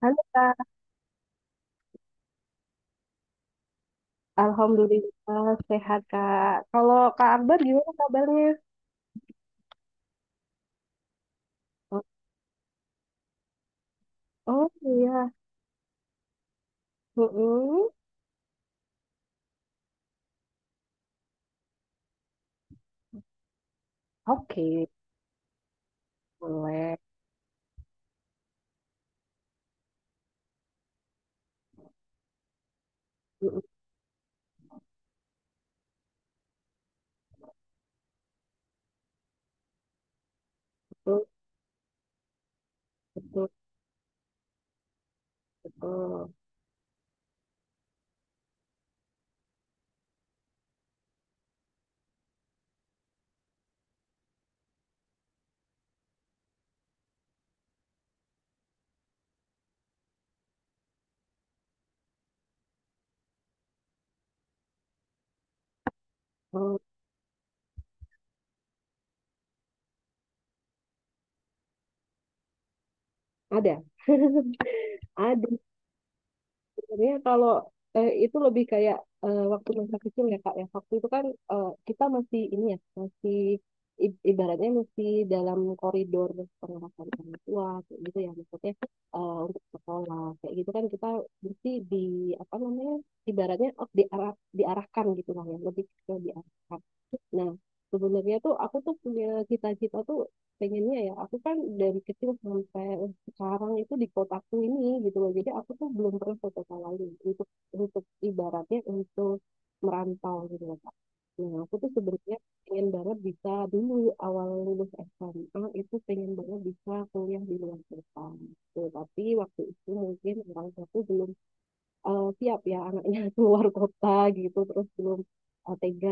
Halo Kak, Alhamdulillah sehat Kak. Kalau Kak Akbar gimana kabarnya? Oh, oh, iya. Mm-mm. Oke, boleh. Mm-mm. Mm-mm. Mm-mm. Mm, Ada, ada. Sebenarnya kalau itu lebih kayak waktu masa kecil ya Kak ya. Waktu itu kan kita masih ini ya, masih ibaratnya masih dalam koridor pengawasan orang tua kayak gitu ya, maksudnya untuk sekolah kayak gitu kan kita mesti di apa namanya ibaratnya diarahkan gitu lah, ya lebih ke diarahkan. Nah, sebenarnya tuh aku tuh punya cita-cita tuh, pengennya ya aku kan dari kecil sampai sekarang itu di kotaku ini gitu loh. Jadi aku tuh belum pernah ke kota lain untuk ibaratnya untuk merantau gitu loh Kak. Nah, aku tuh sebenarnya pengen banget bisa dulu awal lulus SMA itu pengen banget bisa kuliah di luar kota. Gitu. Tapi waktu itu mungkin orang tuaku belum siap ya anaknya keluar kota gitu, terus belum tega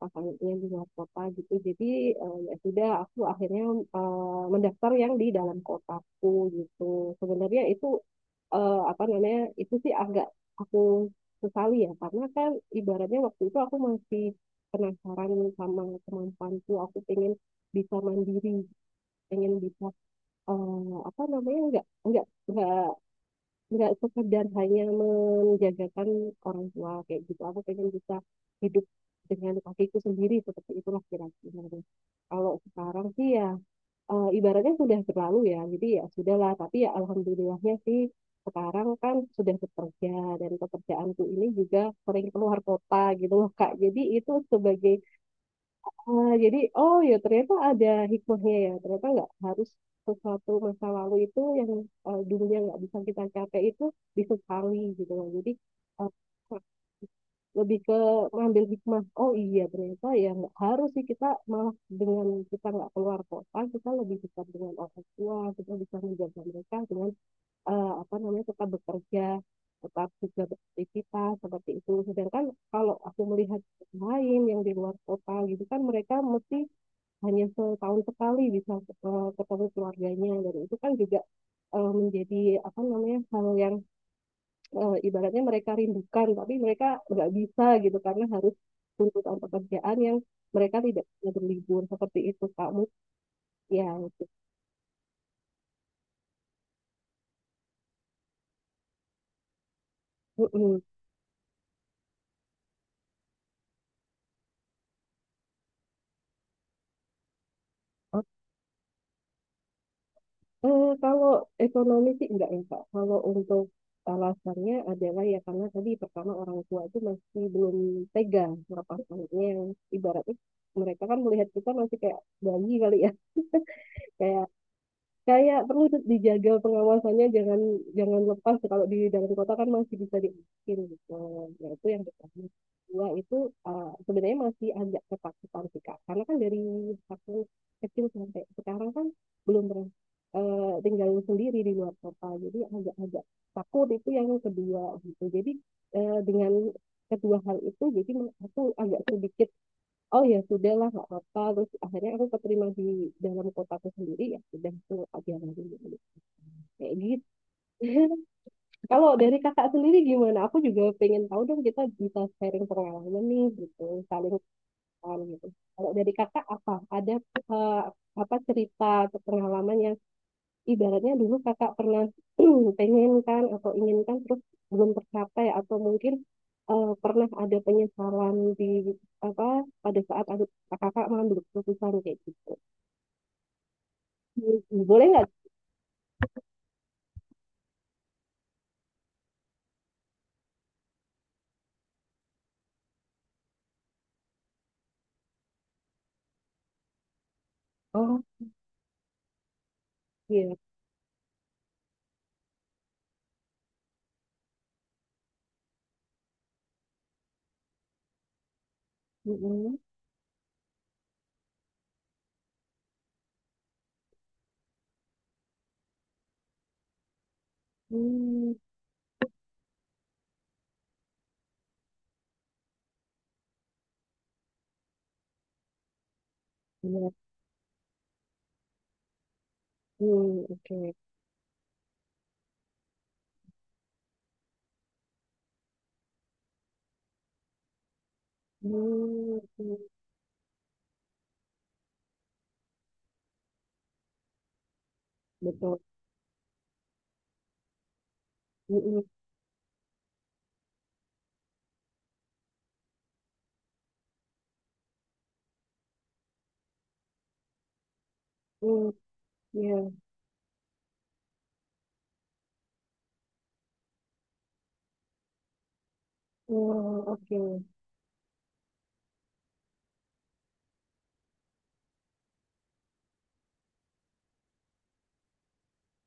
pasangannya di luar kota gitu, jadi ya sudah aku akhirnya mendaftar yang di dalam kotaku gitu. Sebenarnya itu apa namanya itu sih agak aku sesali ya, karena kan ibaratnya waktu itu aku masih penasaran sama kemampuanku, aku pengen bisa mandiri, pengen bisa apa namanya nggak sekedar hanya menjagakan orang tua kayak gitu, aku pengen bisa hidup dengan kakiku sendiri, seperti itulah kira-kira. Kalau sekarang sih ya ibaratnya sudah berlalu ya, jadi ya sudahlah, tapi ya alhamdulillahnya sih sekarang kan sudah bekerja, dan pekerjaanku ini juga sering keluar kota gitu loh Kak, jadi itu sebagai, ah, jadi, oh ya ternyata ada hikmahnya ya. Ternyata nggak harus sesuatu masa lalu itu yang dulunya nggak bisa kita capai itu disesali gitu loh. Jadi eh, lebih ke ngambil hikmah. Oh iya ternyata ya nggak harus sih kita, malah dengan kita nggak keluar kota, kita lebih dekat dengan orang tua. Kita bisa menjaga mereka dengan apa namanya tetap bekerja, tetap juga beraktivitas seperti itu. Sedangkan kalau aku melihat lain yang di luar kota gitu kan mereka mesti hanya setahun sekali bisa ketemu keluarganya, dan itu kan juga menjadi apa namanya hal yang ibaratnya mereka rindukan, tapi mereka nggak bisa gitu karena harus tuntutan pekerjaan yang mereka tidak bisa berlibur seperti itu Kak Mut, ya gitu. Mm-mm. Oh. Kalau ekonomi sih enggak ya Kak, kalau untuk alasannya adalah ya karena tadi pertama orang tua itu masih belum tega melepaskannya, yang ibaratnya mereka kan melihat kita masih kayak bayi kali ya, kayak kayak perlu dijaga pengawasannya, jangan jangan lepas, kalau di dalam kota kan masih bisa dibikin gitu, ya itu yang pertama. Dua itu sebenarnya masih agak ketakutan sih Kak, karena kan dari aku kecil sampai sekarang kan belum pernah tinggal sendiri di luar kota, jadi agak-agak takut, itu yang kedua gitu. Jadi dengan kedua hal itu jadi aku agak sedikit, oh ya sudah lah nggak apa-apa, terus akhirnya aku keterima di dalam kotaku sendiri, ya sudah itu aja lagi kayak gitu. Kalau dari kakak sendiri gimana, aku juga pengen tahu dong, kita bisa sharing pengalaman nih gitu, saling tahu gitu. Kalau dari kakak apa ada eh, apa cerita atau pengalaman yang ibaratnya dulu kakak pernah pengen kan atau inginkan terus belum tercapai, atau mungkin pernah ada penyesalan di apa, pada saat ada kakak mengambil keputusan kayak gitu? Boleh nggak? Oh, iya. Mm-mm. Hmm, iya. Hmm, oke. Hmm, hmm. Betul. Mm-mm. Hmm, iya. Hmm, oke.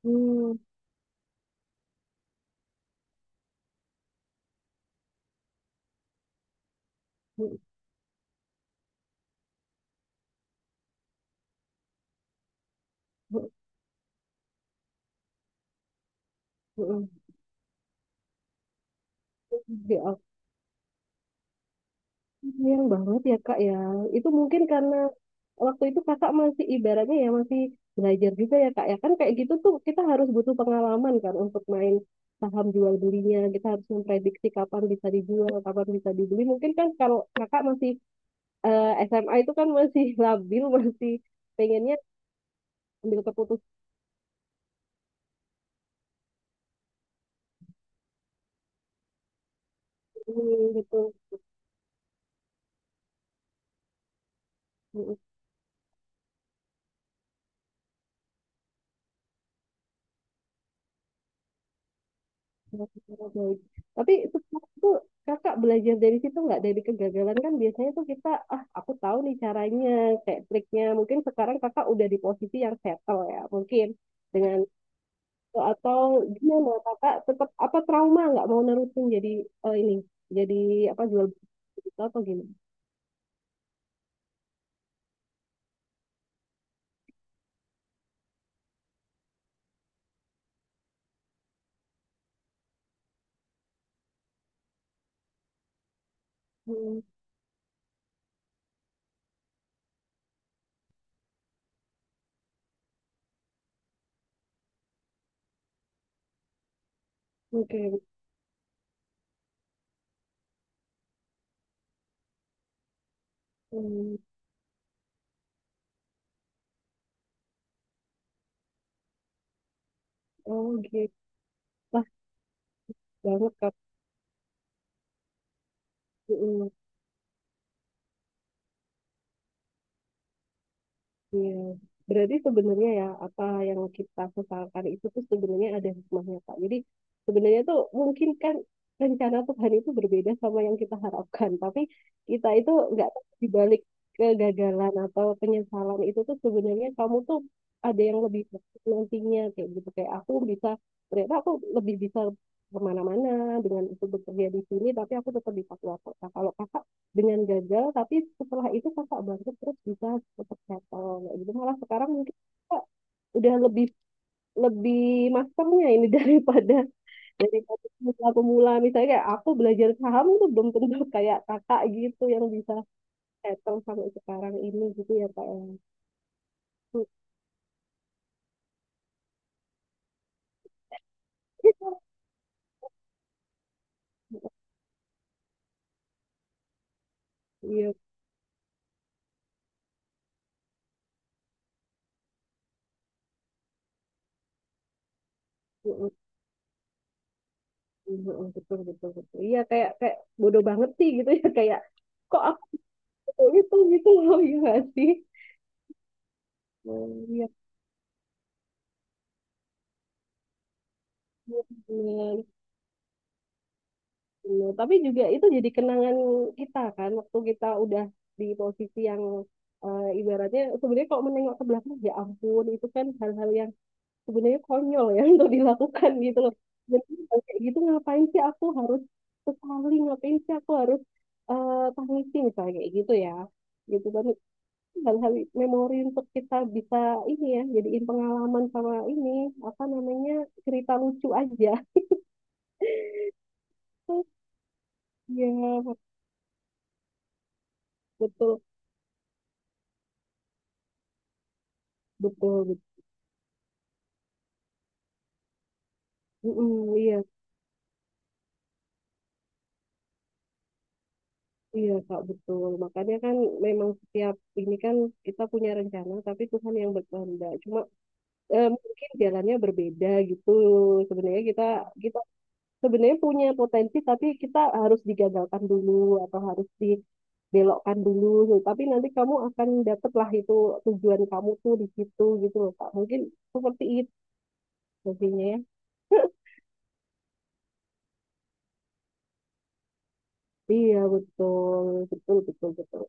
Hmm, hmm, hmm, hmm. Ya, aku sayang banget ya Kak ya. Itu mungkin karena waktu itu kakak masih ibaratnya ya masih belajar juga ya kak ya kan, kayak gitu tuh kita harus butuh pengalaman kan untuk main saham, jual belinya kita harus memprediksi kapan bisa dijual kapan bisa dibeli, mungkin kan kalau kakak masih SMA itu kan masih labil, masih pengennya ambil keputusan dulu gitu. Oh, baik. Tapi itu kakak belajar dari situ nggak, dari kegagalan kan biasanya tuh kita ah aku tahu nih caranya kayak triknya, mungkin sekarang kakak udah di posisi yang settle ya, mungkin dengan, atau gimana kakak tetap apa trauma nggak mau nerusin jadi ini jadi apa, jual beli itu atau gimana? Hmm, oke. Hmm, oh gitu. Pas banget kak. Iya, berarti sebenarnya ya apa yang kita sesalkan itu tuh sebenarnya ada hikmahnya Pak. Jadi sebenarnya tuh mungkin kan rencana Tuhan itu berbeda sama yang kita harapkan, tapi kita itu nggak tahu di balik kegagalan atau penyesalan itu tuh sebenarnya kamu tuh ada yang lebih baik nantinya, kayak gitu kayak aku bisa, ternyata aku lebih bisa kemana-mana dengan itu, bekerja di sini tapi aku tetap di Papua Kota. Kalau kakak dengan gagal tapi setelah itu kakak bangkit terus bisa tetap settle kayak gitu, malah sekarang mungkin kakak udah lebih lebih masternya ini daripada daripada pemula-pemula, misalnya kayak aku belajar saham itu belum tentu kayak kakak gitu yang bisa settle sampai sekarang ini gitu ya kak ya. Iya, mm, mm, mm, betul betul betul iya kayak kayak bodoh banget sih gitu ya, kayak kok aku itu gitu gitu loh ya nggak sih. Oh, iya bener. Bener. Tapi juga itu jadi kenangan kita kan, waktu kita udah di posisi yang ibaratnya sebenarnya kalau menengok ke belakang ya ampun, itu kan hal-hal yang sebenarnya konyol ya untuk dilakukan gitu loh. Dan kayak gitu ngapain sih aku harus sekali, ngapain sih aku harus tangisi misalnya kayak gitu ya. Gitu kan hal-hal memori untuk kita bisa ini ya jadiin pengalaman, sama ini apa namanya cerita lucu aja. Ya, betul betul. Mm-mm, iya, iya Kak, betul. Makanya kan memang setiap ini kan kita punya rencana, tapi Tuhan yang berkehendak. Cuma mungkin jalannya berbeda gitu. Sebenarnya kita kita sebenarnya punya potensi, tapi kita harus digagalkan dulu atau harus dibelokkan dulu. Tapi nanti kamu akan dapatlah itu tujuan kamu tuh di situ gitu loh Kak. Mungkin seperti itu pastinya ya. Iya, betul, betul, betul, betul.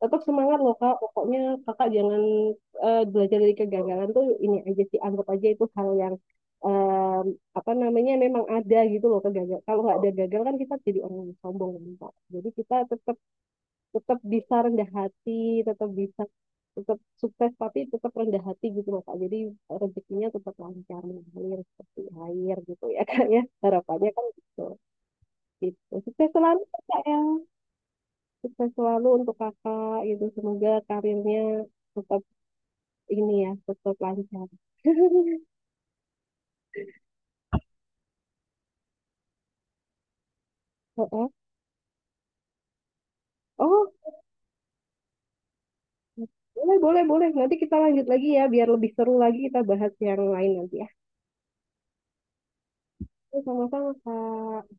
Tetap semangat loh kak pokoknya, kakak jangan belajar dari kegagalan tuh ini aja sih, anggap aja itu hal yang em, apa namanya memang ada gitu loh, kegagalan. Kalau nggak ada gagal kan kita jadi orang yang sombong kan kak, jadi kita tetap tetap bisa rendah hati, tetap bisa tetap sukses tapi tetap rendah hati gitu loh kak, jadi rezekinya tetap lancar mengalir seperti air gitu ya kak ya, harapannya kan gitu. Gitu, sukses selalu kak ya. Sukses selalu untuk kakak gitu. Semoga karirnya tetap ini ya, tetap lancar. Heeh. Oh, boleh, boleh, boleh. Nanti kita lanjut lagi ya, biar lebih seru lagi kita bahas yang lain nanti ya. Sama-sama, Kak.